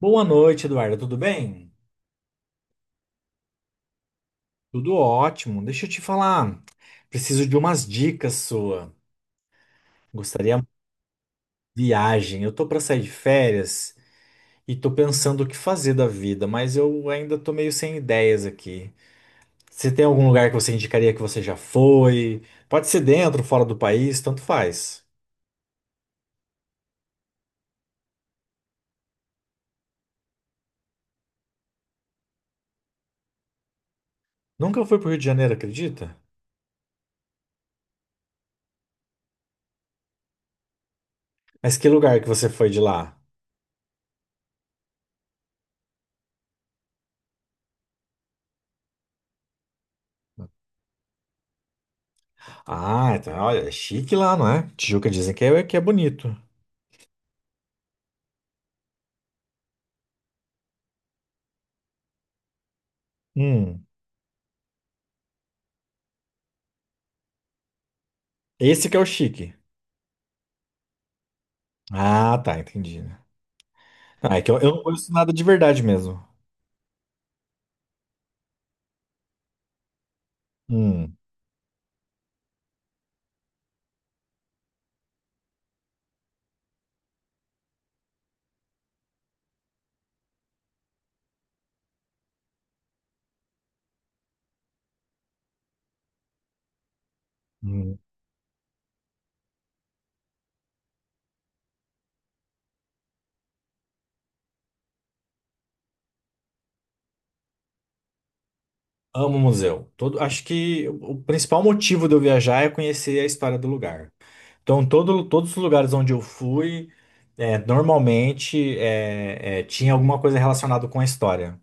Boa noite, Eduardo. Tudo bem? Tudo ótimo. Deixa eu te falar. Preciso de umas dicas sua. Gostaria de viagem. Eu tô para sair de férias e tô pensando o que fazer da vida, mas eu ainda tô meio sem ideias aqui. Você tem algum lugar que você indicaria que você já foi? Pode ser dentro, fora do país, tanto faz. Nunca fui pro Rio de Janeiro, acredita? Mas que lugar que você foi de lá? Ah, então, olha, é chique lá, não é? Tijuca dizem que é bonito. Hum. Esse que é o chique. Ah, tá, entendi, né? Ah, é que eu não conheço nada de verdade mesmo. Hum, hum. Amo museu. Acho que o principal motivo de eu viajar é conhecer a história do lugar. Então, todos os lugares onde eu fui, normalmente tinha alguma coisa relacionada com a história.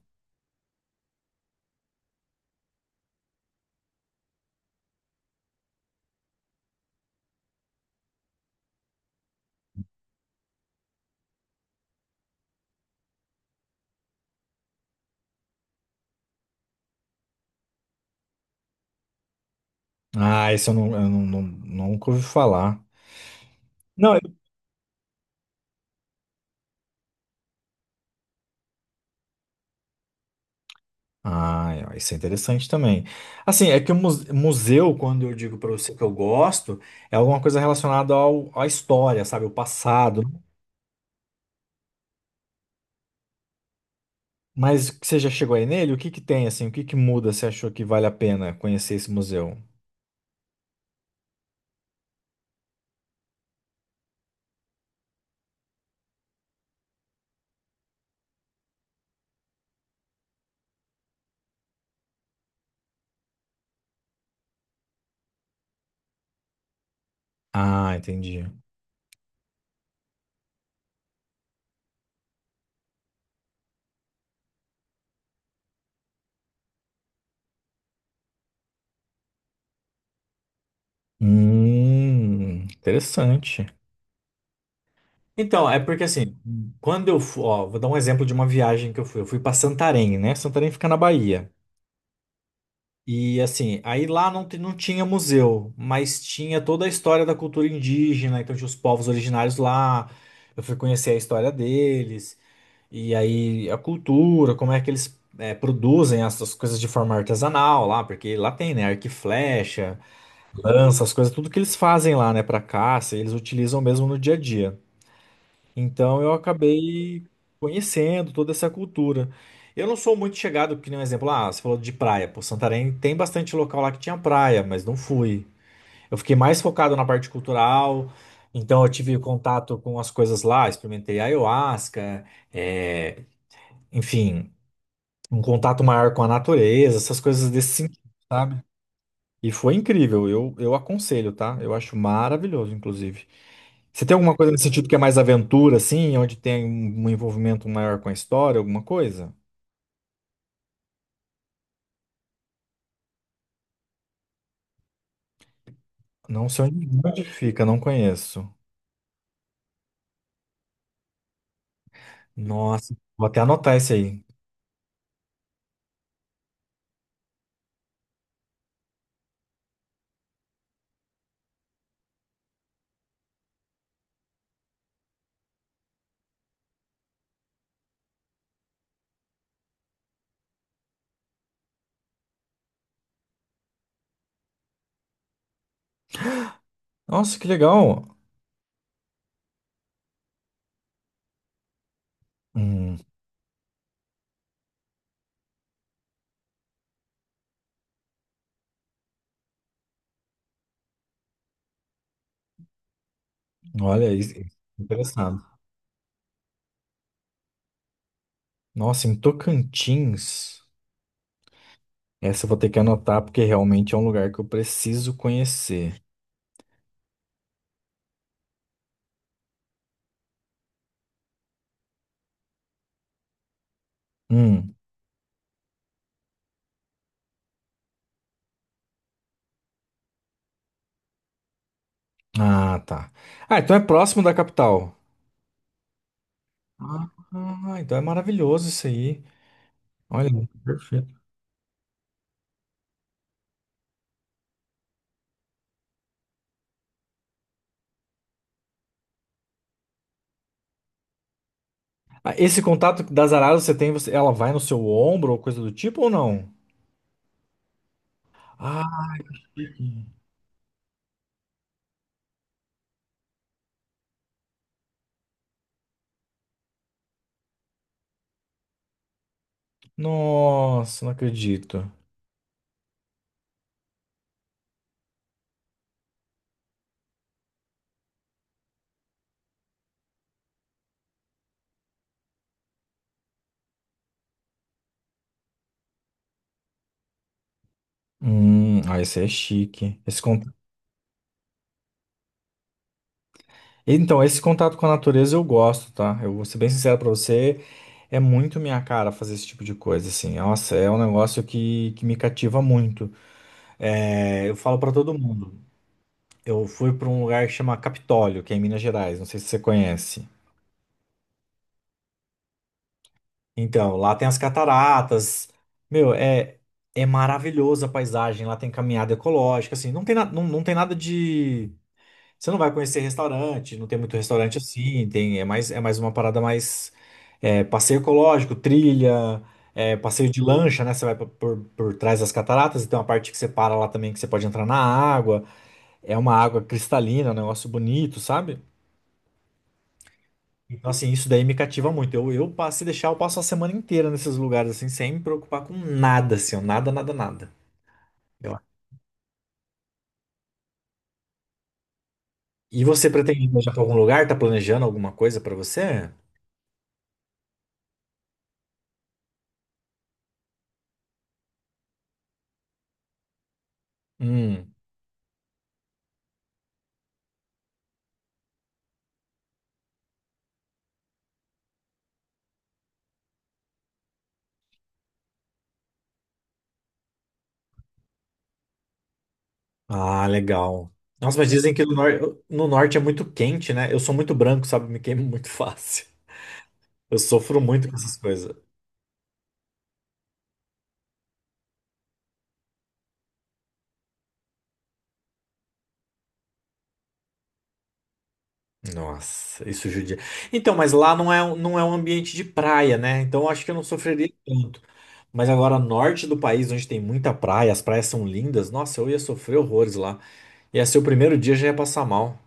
Ah, isso eu não, não- nunca ouvi falar. Não. Ah, isso é interessante também. Assim, é que o museu, quando eu digo para você que eu gosto, é alguma coisa relacionada à história, sabe? O passado. Mas você já chegou aí nele? O que que tem, assim? O que que muda? Você achou que vale a pena conhecer esse museu? Ah, entendi. Interessante. Então, é porque assim, quando eu fui, ó, vou dar um exemplo de uma viagem que eu fui. Eu fui para Santarém, né? Santarém fica na Bahia. E assim, aí lá não tinha museu, mas tinha toda a história da cultura indígena, então tinha os povos originários lá. Eu fui conhecer a história deles. E aí a cultura, como é que eles produzem essas coisas de forma artesanal lá, porque lá tem, né, arco e flecha, lança, as coisas, tudo que eles fazem lá, né, pra caça, eles utilizam mesmo no dia a dia. Então eu acabei conhecendo toda essa cultura. Eu não sou muito chegado, que nem um exemplo, ah, você falou de praia, pô, Santarém tem bastante local lá que tinha praia, mas não fui. Eu fiquei mais focado na parte cultural, então eu tive contato com as coisas lá, experimentei ayahuasca, é, enfim, um contato maior com a natureza, essas coisas desse sentido, sabe? E foi incrível, eu aconselho, tá? Eu acho maravilhoso, inclusive. Você tem alguma coisa nesse sentido que é mais aventura, assim, onde tem um envolvimento maior com a história, alguma coisa? Não sei onde fica, não conheço. Nossa, vou até anotar esse aí. Nossa, que legal! Hum. Olha, interessado. Nossa, em Tocantins, essa eu vou ter que anotar, porque realmente é um lugar que eu preciso conhecer. Hum. Ah, tá. Ah, então é próximo da capital. Ah, ah, então é maravilhoso isso aí. Olha, perfeito. Ah, esse contato das araras você tem, você, ela vai no seu ombro ou coisa do tipo ou não? Ah, nossa, não acredito. Ah, esse é chique. Então, esse contato com a natureza eu gosto, tá? Eu vou ser bem sincero pra você, é muito minha cara fazer esse tipo de coisa, assim. Nossa, é um negócio que me cativa muito. É, eu falo pra todo mundo. Eu fui para um lugar que chama Capitólio, que é em Minas Gerais, não sei se você conhece. Então, lá tem as cataratas. Meu, é maravilhosa a paisagem, lá tem caminhada ecológica, assim, não tem, não tem nada de você não vai conhecer restaurante, não tem muito restaurante assim, tem é mais uma parada mais passeio ecológico, trilha, passeio de lancha, né? Você vai por trás das cataratas, e tem uma parte que você para lá também que você pode entrar na água. É uma água cristalina, um negócio bonito, sabe? Então, assim, isso daí me cativa muito. Eu passo, se deixar, eu passo a semana inteira nesses lugares, assim, sem me preocupar com nada, assim, ó, nada, nada, nada. Eu- E você pretende viajar pra algum lugar? Tá planejando alguma coisa pra você? Hum. Ah, legal. Nossa, mas dizem que no norte é muito quente, né? Eu sou muito branco, sabe? Me queimo muito fácil. Eu sofro muito com essas coisas. Nossa, isso judia. Então, mas lá não é um ambiente de praia, né? Então, eu acho que eu não sofreria tanto. Mas agora, norte do país, onde tem muita praia, as praias são lindas, nossa, eu ia sofrer horrores lá. Ia ser o primeiro dia, já ia passar mal.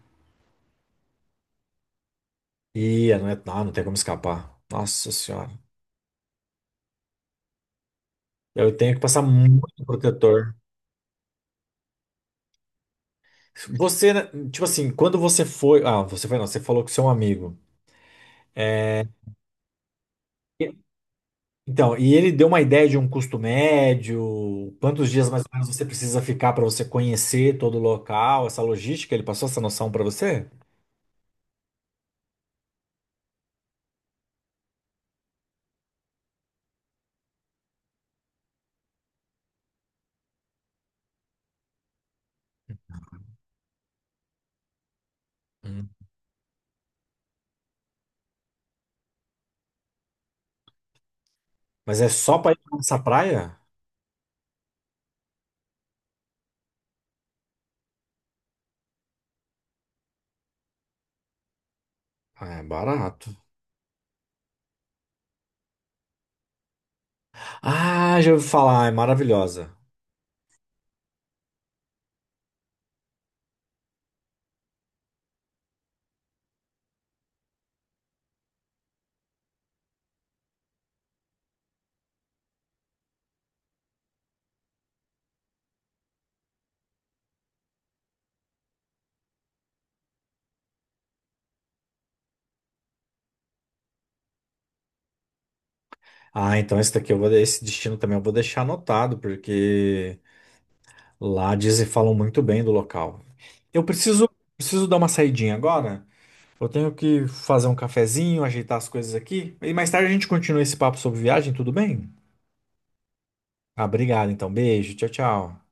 Ia, não é, ah, não tem como escapar. Nossa senhora. Eu tenho que passar muito protetor. Você, né, tipo assim, quando você foi. Ah, você foi não, você falou com seu amigo. É, E- Então, e ele deu uma ideia de um custo médio, quantos dias mais ou menos você precisa ficar para você conhecer todo o local, essa logística, ele passou essa noção para você? Hum. Mas é só para ir para essa praia? Ah, é barato. Ah, já ouvi falar. Ah, é maravilhosa. Ah, então esse daqui eu vou, esse destino também eu vou deixar anotado, porque lá dizem falam muito bem do local. Eu preciso dar uma saidinha agora. Eu tenho que fazer um cafezinho, ajeitar as coisas aqui. E mais tarde a gente continua esse papo sobre viagem, tudo bem? Ah, obrigado, então. Beijo, tchau, tchau.